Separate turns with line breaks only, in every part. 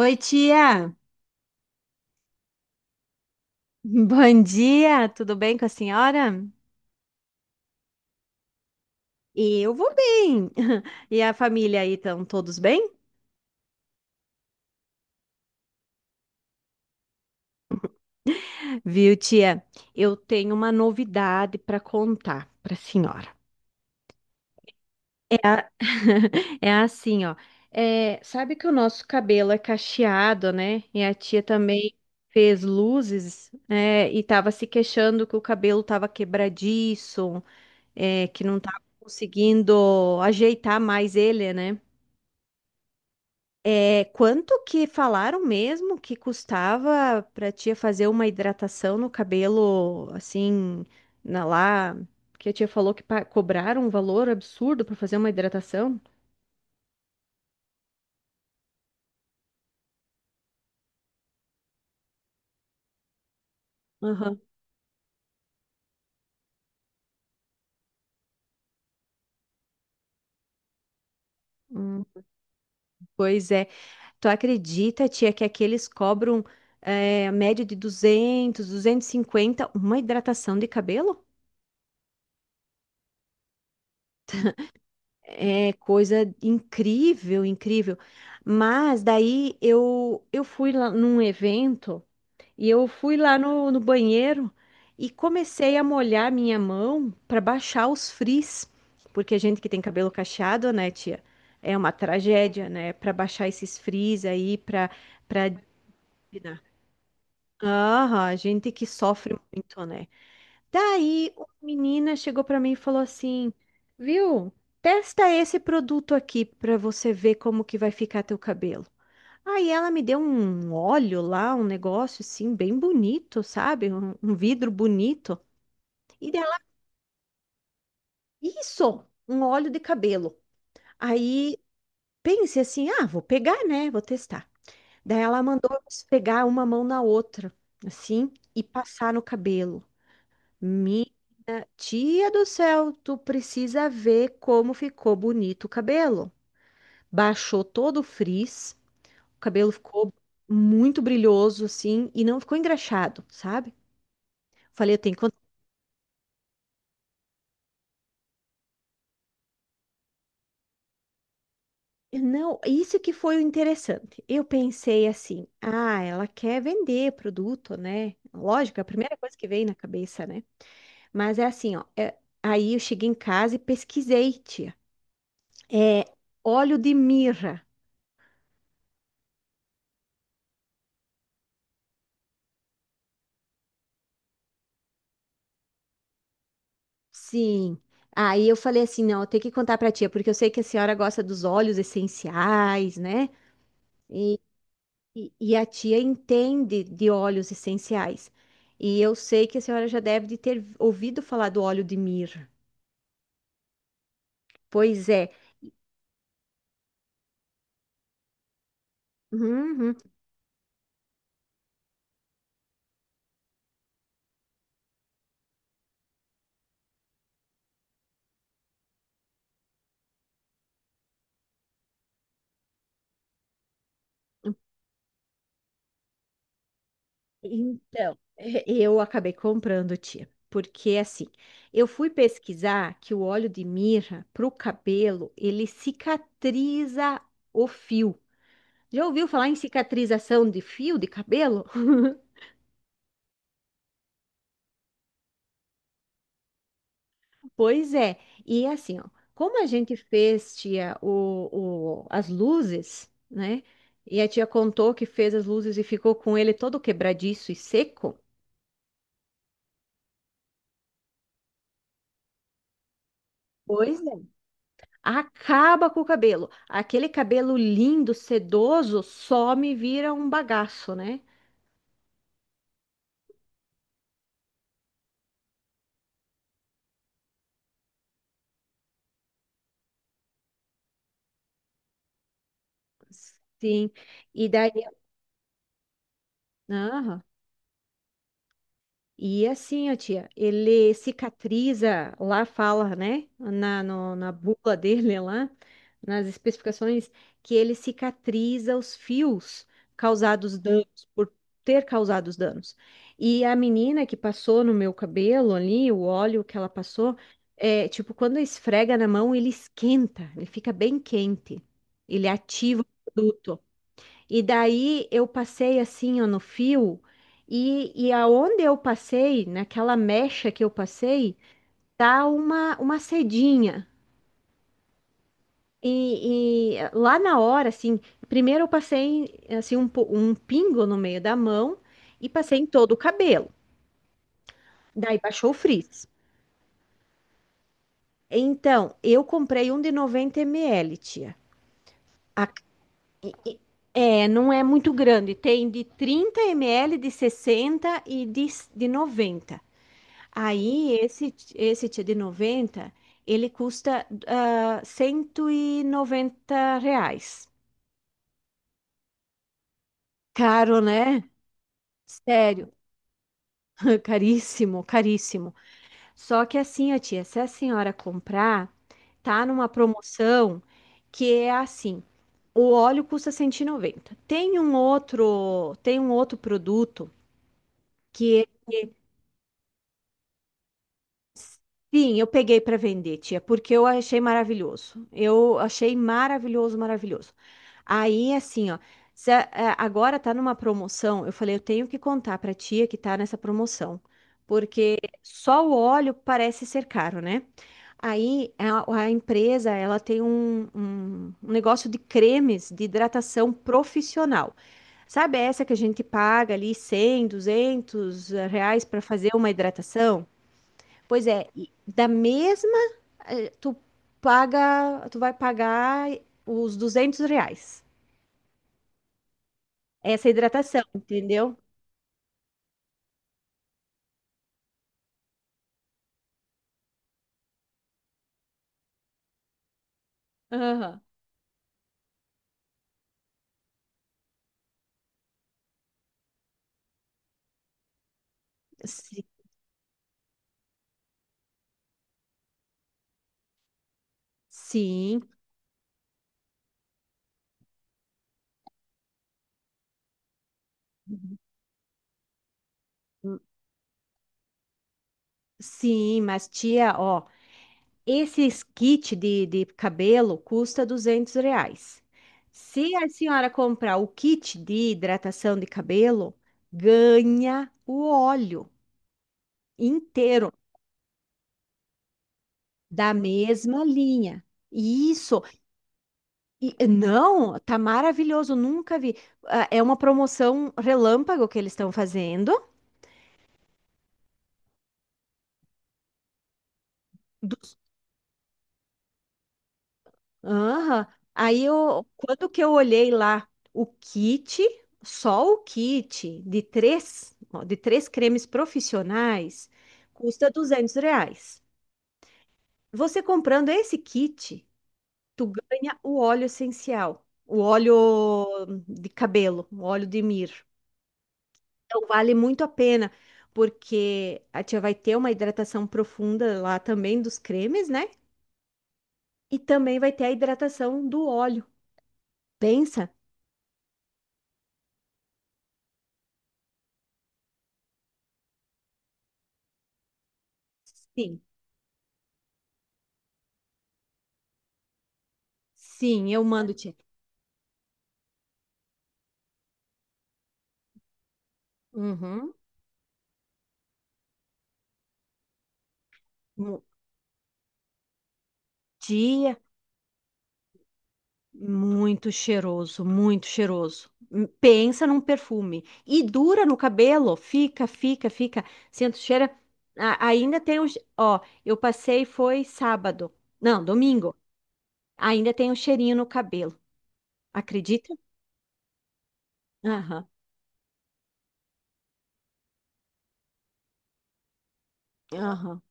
Oi, tia. Bom dia. Tudo bem com a senhora? Eu vou bem. E a família aí estão todos bem? Viu, tia? Eu tenho uma novidade para contar para a senhora. É, é assim, ó. É, sabe que o nosso cabelo é cacheado, né? E a tia também fez luzes, é, e tava se queixando que o cabelo tava quebradiço, é, que não tava conseguindo ajeitar mais ele, né? É, quanto que falaram mesmo que custava pra tia fazer uma hidratação no cabelo, assim, na lá, que a tia falou que cobraram um valor absurdo pra fazer uma hidratação? Aham. Hum, pois é. Tu acredita, tia, que aqueles cobram a média de 200, 250 uma hidratação de cabelo? É coisa incrível, incrível. Mas daí eu fui lá num evento. E eu fui lá no banheiro e comecei a molhar minha mão para baixar os frizz, porque a gente que tem cabelo cacheado, né, tia, é uma tragédia, né, para baixar esses frizz aí para. Aham, a gente que sofre muito, né? Daí uma menina chegou para mim e falou assim: "Viu? Testa esse produto aqui para você ver como que vai ficar teu cabelo". Aí ela me deu um óleo lá, um negócio assim, bem bonito, sabe? Um vidro bonito. E dela, isso, um óleo de cabelo. Aí pensei assim, ah, vou pegar, né? Vou testar. Daí ela mandou eu pegar uma mão na outra, assim, e passar no cabelo. Minha tia do céu, tu precisa ver como ficou bonito o cabelo. Baixou todo o frizz, o cabelo ficou muito brilhoso, assim, e não ficou engraxado, sabe? Falei, eu tenho que. Não, isso que foi o interessante. Eu pensei assim, ah, ela quer vender produto, né? Lógico, é a primeira coisa que veio na cabeça, né? Mas é assim, ó. Aí eu cheguei em casa e pesquisei, tia. É óleo de mirra. Sim. Aí eu falei assim, não, eu tenho que contar pra tia, porque eu sei que a senhora gosta dos óleos essenciais, né? E, e a tia entende de óleos essenciais. E eu sei que a senhora já deve de ter ouvido falar do óleo de mirra. Pois é. Uhum. Então, eu acabei comprando, tia. Porque assim, eu fui pesquisar que o óleo de mirra para o cabelo, ele cicatriza o fio. Já ouviu falar em cicatrização de fio de cabelo? Pois é. E assim, ó, como a gente fez, tia, as luzes, né? E a tia contou que fez as luzes e ficou com ele todo quebradiço e seco. Pois acaba com o cabelo. Aquele cabelo lindo, sedoso, só me vira um bagaço, né? Sim. E daí. Aham. E assim, ó, tia, ele cicatriza, lá fala, né, na, no- na bula dele lá, nas especificações, que ele cicatriza os fios causados danos, por ter causado os danos. E a menina que passou no meu cabelo ali, o óleo que ela passou, é, tipo, quando esfrega na mão, ele esquenta, ele fica bem quente, ele ativa o produto. E daí eu passei assim, ó, no fio, e aonde eu passei, naquela mecha que eu passei, tá uma, sedinha. E lá na hora, assim, primeiro eu passei assim um pingo no meio da mão e passei em todo o cabelo. Daí baixou o frizz. Então, eu comprei um de 90 ml, tia. É, não é muito grande, tem de 30 ml, de 60 e de 90. Aí, esse tia de 90 ele custa R$ 190. Caro, né? Sério, caríssimo, caríssimo. Só que assim, ó, tia, se a senhora comprar, tá numa promoção que é assim, o óleo custa 190. Tem um outro produto que... Sim, eu peguei para vender, tia, porque eu achei maravilhoso. Eu achei maravilhoso, maravilhoso. Aí, assim, ó, se agora tá numa promoção, eu falei, eu tenho que contar para tia que tá nessa promoção, porque só o óleo parece ser caro, né? Aí a empresa, ela tem um negócio de cremes de hidratação profissional. Sabe essa que a gente paga ali 100, R$ 200 para fazer uma hidratação? Pois é, e da mesma, eh, tu tu vai pagar os R$ 200. Essa hidratação, entendeu? Aham. Si- Sim. Uhum. Sim, mas tia, ó, esses kit de cabelo custa R$ 200. Se a senhora comprar o kit de hidratação de cabelo, ganha o óleo inteiro da mesma linha. E isso... não, tá maravilhoso, nunca vi. Ah, é uma promoção relâmpago que eles estão fazendo. Dos- Aham. Aí eu, quando que eu olhei lá o kit, só o kit de três, ó, de três cremes profissionais, custa 200 reais. Você comprando esse kit, tu ganha o óleo essencial, o óleo de cabelo, o óleo de mir. Então, vale muito a pena, porque a tia vai ter uma hidratação profunda lá também dos cremes, né? E também vai ter a hidratação do óleo. Pensa? Sim, sim, eu mando, tia. Uhum. Mu- Tia, muito cheiroso, muito cheiroso. Pensa num perfume. E dura no cabelo, fica, fica, fica. Sento cheira. Ainda tem um. Ó, eu passei foi sábado. Não, domingo. Ainda tem um cheirinho no cabelo. Acredita? Aham, aham,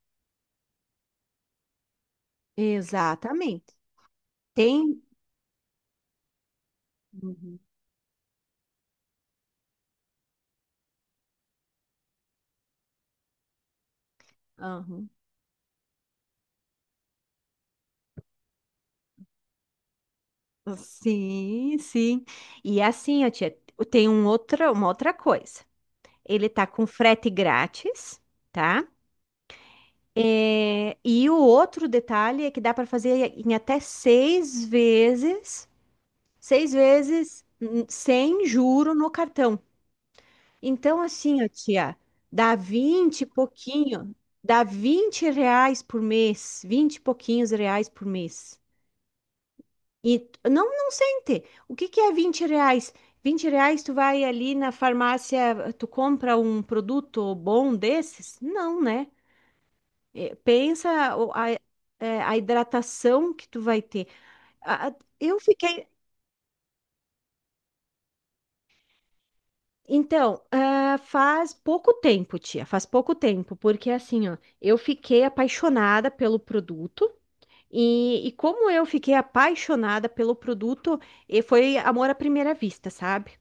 exatamente. Tem. Uhum, aham. Sim, sim. E assim, ó, tia, tem um outra, uma outra coisa. Ele tá com frete grátis, tá? É, e o outro detalhe é que dá para fazer em até seis vezes sem juro no cartão. Então, assim, ó, tia, dá 20 e pouquinho, dá R$ 20 por mês, 20 e pouquinhos reais por mês. E não, não sente. O que que é R$ 20? Vinte reais tu vai ali na farmácia, tu compra um produto bom desses? Não, né? É, pensa é, a hidratação que tu vai ter. A- a- eu fiquei. Então, ah, faz pouco tempo, tia, faz pouco tempo, porque assim, ó, eu fiquei apaixonada pelo produto e, como eu fiquei apaixonada pelo produto, foi amor à primeira vista, sabe?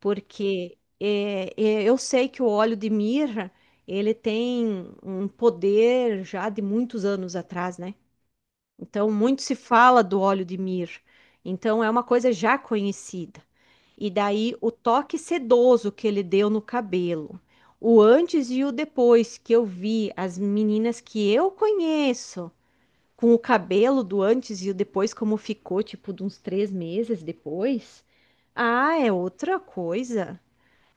Porque eu sei que o óleo de mirra, ele tem um poder já de muitos anos atrás, né? Então, muito se fala do óleo de mir. Então, é uma coisa já conhecida. E daí o toque sedoso que ele deu no cabelo. O antes e o depois que eu vi as meninas que eu conheço com o cabelo do antes e o depois, como ficou, tipo, de uns 3 meses depois. Ah, é outra coisa.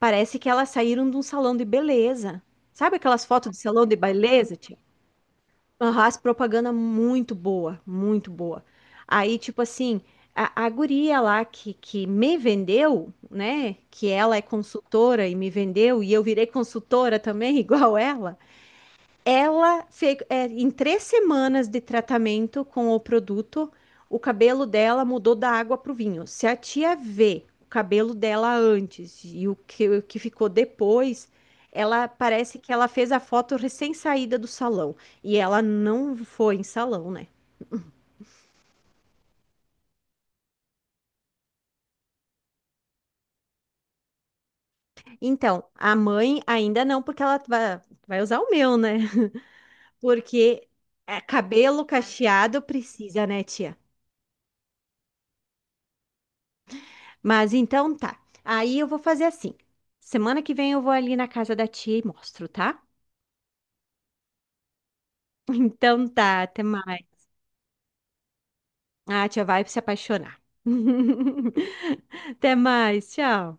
Parece que elas saíram de um salão de beleza. Sabe aquelas fotos de salão de beleza? Aham, as propaganda muito boa, muito boa. Aí, tipo assim, a guria lá que me vendeu, né? Que ela é consultora e me vendeu, e eu virei consultora também, igual ela. Ela fez, é, em 3 semanas de tratamento com o produto, o cabelo dela mudou da água para o vinho. Se a tia vê o cabelo dela antes e o que ficou depois, ela parece que ela fez a foto recém-saída do salão. E ela não foi em salão, né? Então, a mãe ainda não, porque ela vai usar o meu, né? Porque é, cabelo cacheado precisa, né, tia? Mas então tá. Aí eu vou fazer assim. Semana que vem eu vou ali na casa da tia e mostro, tá? Então tá, até mais. Ah, a tia vai se apaixonar. Até mais, tchau.